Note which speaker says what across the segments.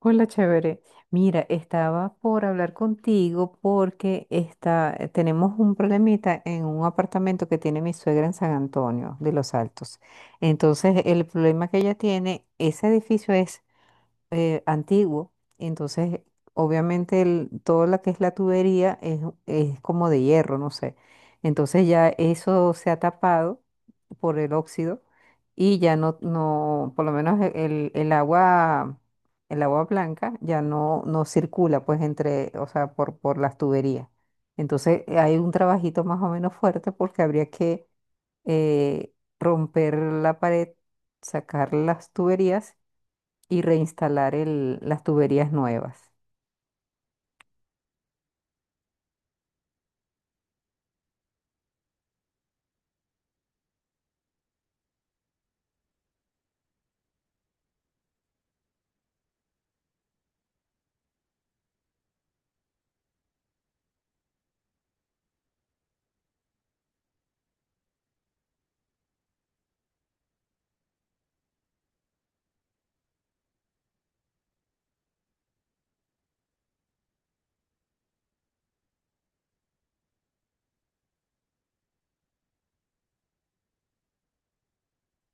Speaker 1: Hola, chévere. Mira, estaba por hablar contigo porque tenemos un problemita en un apartamento que tiene mi suegra en San Antonio de Los Altos. Entonces, el problema que ella tiene, ese edificio es antiguo. Entonces, obviamente, todo lo que es la tubería es como de hierro, no sé. Entonces ya eso se ha tapado por el óxido y ya no, no, por lo menos el agua, el agua blanca ya no circula, pues, entre, o sea, por las tuberías. Entonces, hay un trabajito más o menos fuerte porque habría que eh, romper la pared, sacar las tuberías y reinstalar las tuberías nuevas.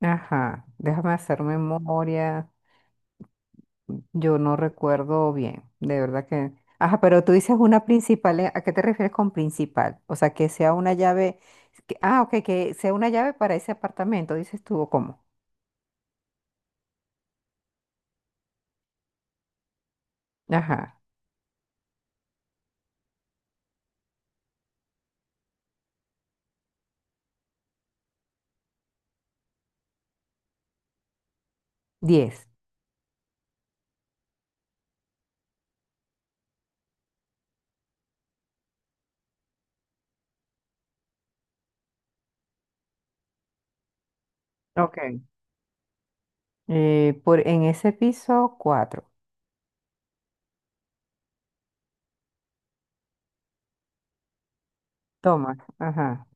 Speaker 1: Ajá, déjame hacer memoria. Yo no recuerdo bien, de verdad que. Ajá, pero tú dices una principal, ¿eh? ¿A qué te refieres con principal? O sea, que sea una llave. Ah, ok, que sea una llave para ese apartamento, dices tú, ¿o cómo? Ajá, 10. Ok. En ese piso, cuatro. Toma, ajá.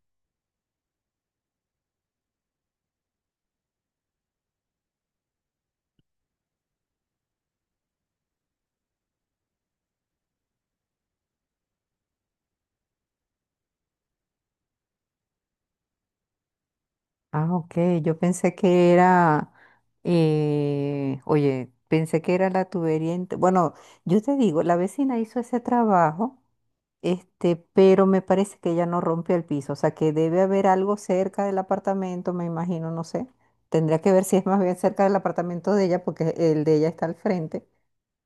Speaker 1: Ah, ok, yo pensé que era, oye, pensé que era la tubería. Bueno, yo te digo, la vecina hizo ese trabajo, pero me parece que ella no rompió el piso, o sea que debe haber algo cerca del apartamento, me imagino, no sé. Tendría que ver si es más bien cerca del apartamento de ella, porque el de ella está al frente,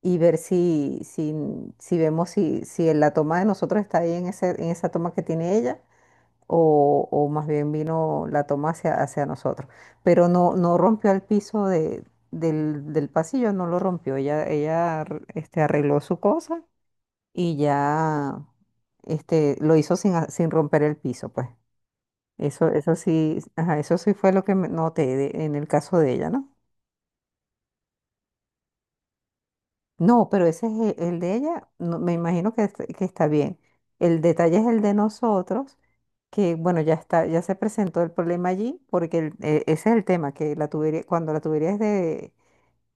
Speaker 1: y ver si vemos si en la toma de nosotros está ahí en esa toma que tiene ella o más bien vino la toma hacia nosotros. Pero no, no rompió el piso del pasillo, no lo rompió. Ella arregló su cosa y ya lo hizo sin romper el piso, pues. Eso sí, ajá, eso sí fue lo que me noté en el caso de ella, ¿no? No, pero ese es el de ella, me imagino que está bien. El detalle es el de nosotros, que bueno, ya está, ya se presentó el problema allí, porque ese es el tema, que la tubería, cuando la tubería es de,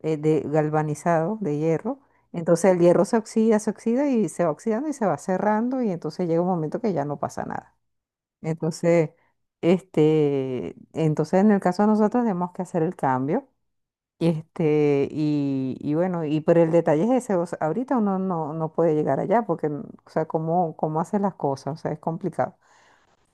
Speaker 1: eh, de galvanizado, de hierro, entonces el hierro se oxida y se va oxidando y se va cerrando, y entonces llega un momento que ya no pasa nada. Entonces, entonces, en el caso de nosotros tenemos que hacer el cambio. Y bueno, y pero el detalle es ese, o sea, ahorita uno no puede llegar allá porque, o sea, cómo, cómo hace las cosas, o sea, es complicado.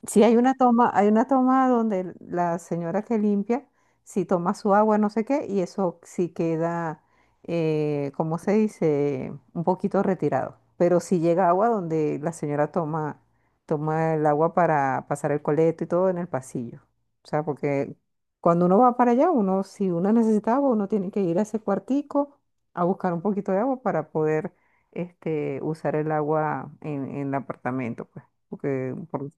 Speaker 1: Sí, hay una toma donde la señora que limpia, si toma su agua, no sé qué, y eso sí queda, ¿cómo se dice? Un poquito retirado. Pero sí llega agua donde la señora toma el agua para pasar el coleto y todo en el pasillo. O sea, porque cuando uno va para allá, si uno necesita agua, uno tiene que ir a ese cuartico a buscar un poquito de agua para poder, usar el agua en el apartamento, pues porque, por.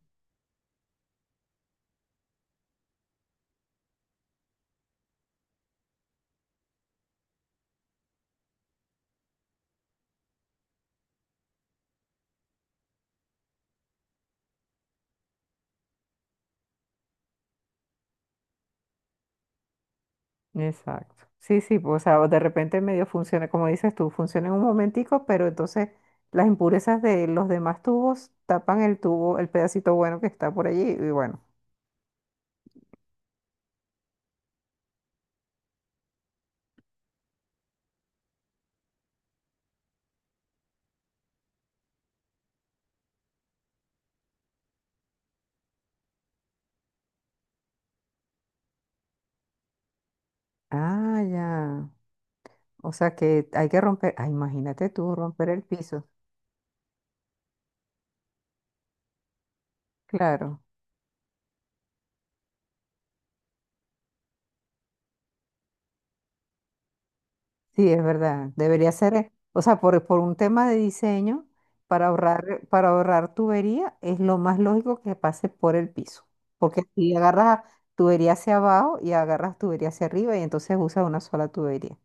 Speaker 1: Exacto. Sí, sí, pues, o sea, o de repente medio funciona, como dices tú, funciona en un momentico, pero entonces las impurezas de los demás tubos tapan el tubo, el pedacito bueno que está por allí, y bueno. Ah, ya. O sea que hay que romper, ah, imagínate tú romper el piso. Claro. Sí, es verdad. Debería ser, o sea, por un tema de diseño, para ahorrar tubería, es lo más lógico que pase por el piso. Porque si agarras tubería hacia abajo y agarras tubería hacia arriba, y entonces usas una sola tubería.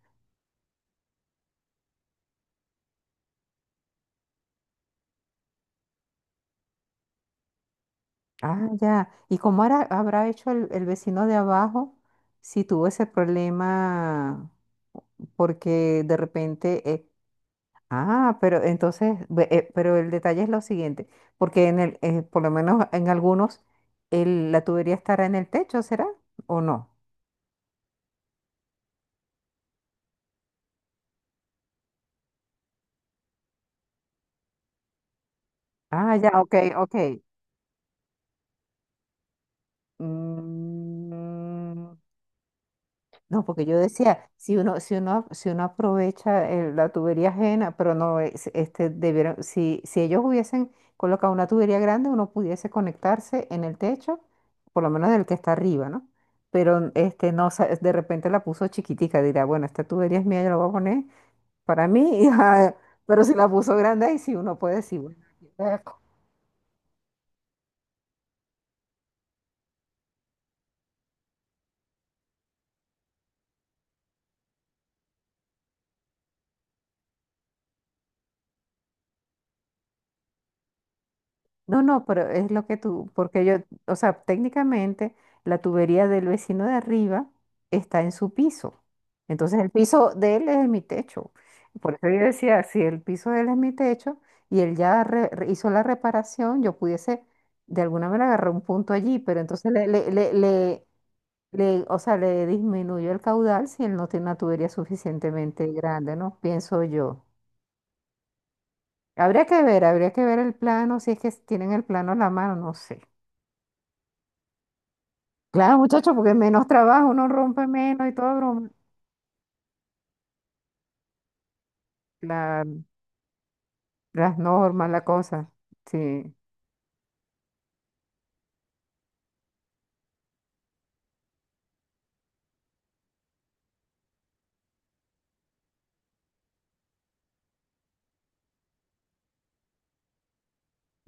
Speaker 1: Ah, ya. ¿Y cómo habrá hecho el vecino de abajo si tuvo ese problema? Porque de repente ah, pero entonces, pero el detalle es lo siguiente, porque por lo menos en algunos, la tubería estará en el techo, ¿será? ¿O no? Ah, ya, ok, ok. Mm, no, porque yo decía, si uno aprovecha la tubería ajena, pero no, debieron, si ellos hubiesen colocado una tubería grande, uno pudiese conectarse en el techo, por lo menos del que está arriba, ¿no? Pero no, de repente la puso chiquitica, dirá, bueno, esta tubería es mía, yo la voy a poner para mí, y, ah, pero si la puso grande, ahí sí uno puede decir, bueno. No, no, pero es lo que tú, porque yo, o sea, técnicamente la tubería del vecino de arriba está en su piso. Entonces el piso de él es mi techo. Por eso yo decía, si el piso de él es mi techo y él ya hizo la reparación, yo pudiese de alguna manera agarrar un punto allí, pero entonces, o sea, le disminuyó el caudal si él no tiene una tubería suficientemente grande, ¿no? Pienso yo. Habría que ver el plano, si es que tienen el plano a la mano, no sé. Claro, muchachos, porque menos trabajo, uno rompe menos y todo, broma. La- las normas, la cosa. Sí,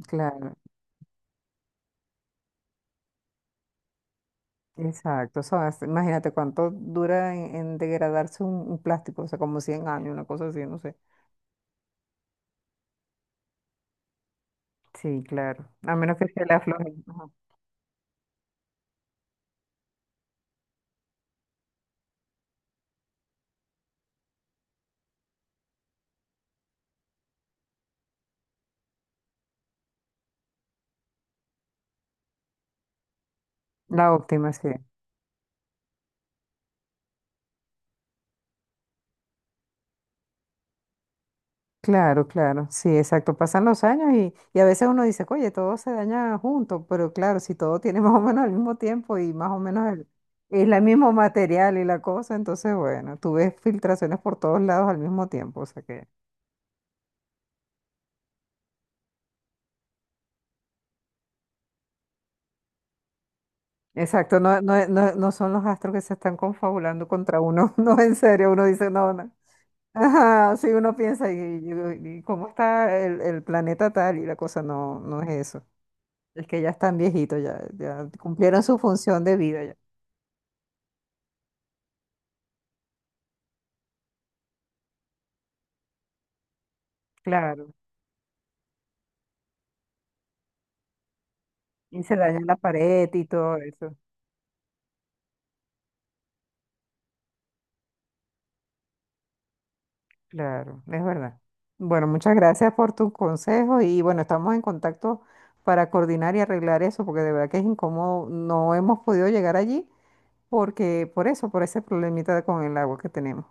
Speaker 1: claro, exacto. Eso imagínate cuánto dura en degradarse un plástico, o sea, como 100 años, una cosa así, no sé. Sí, claro. A menos que sea la floja. La óptima, sí. Claro, claro, sí, exacto. Pasan los años y a veces uno dice, oye, todo se daña junto, pero claro, si todo tiene más o menos el mismo tiempo y más o menos el mismo material y la cosa, entonces, bueno, tú ves filtraciones por todos lados al mismo tiempo, o sea que, exacto, no, no, no, no son los astros que se están confabulando contra uno, no, en serio, uno dice, no, no. Ajá, sí, uno piensa, y cómo está el planeta tal y la cosa, no, no es eso. Es que ya están viejitos, ya, ya cumplieron su función de vida. Claro, y se daña la pared y todo eso. Claro, es verdad. Bueno, muchas gracias por tus consejos y bueno, estamos en contacto para coordinar y arreglar eso, porque de verdad que es incómodo. No hemos podido llegar allí porque por eso, por ese problemita con el agua que tenemos.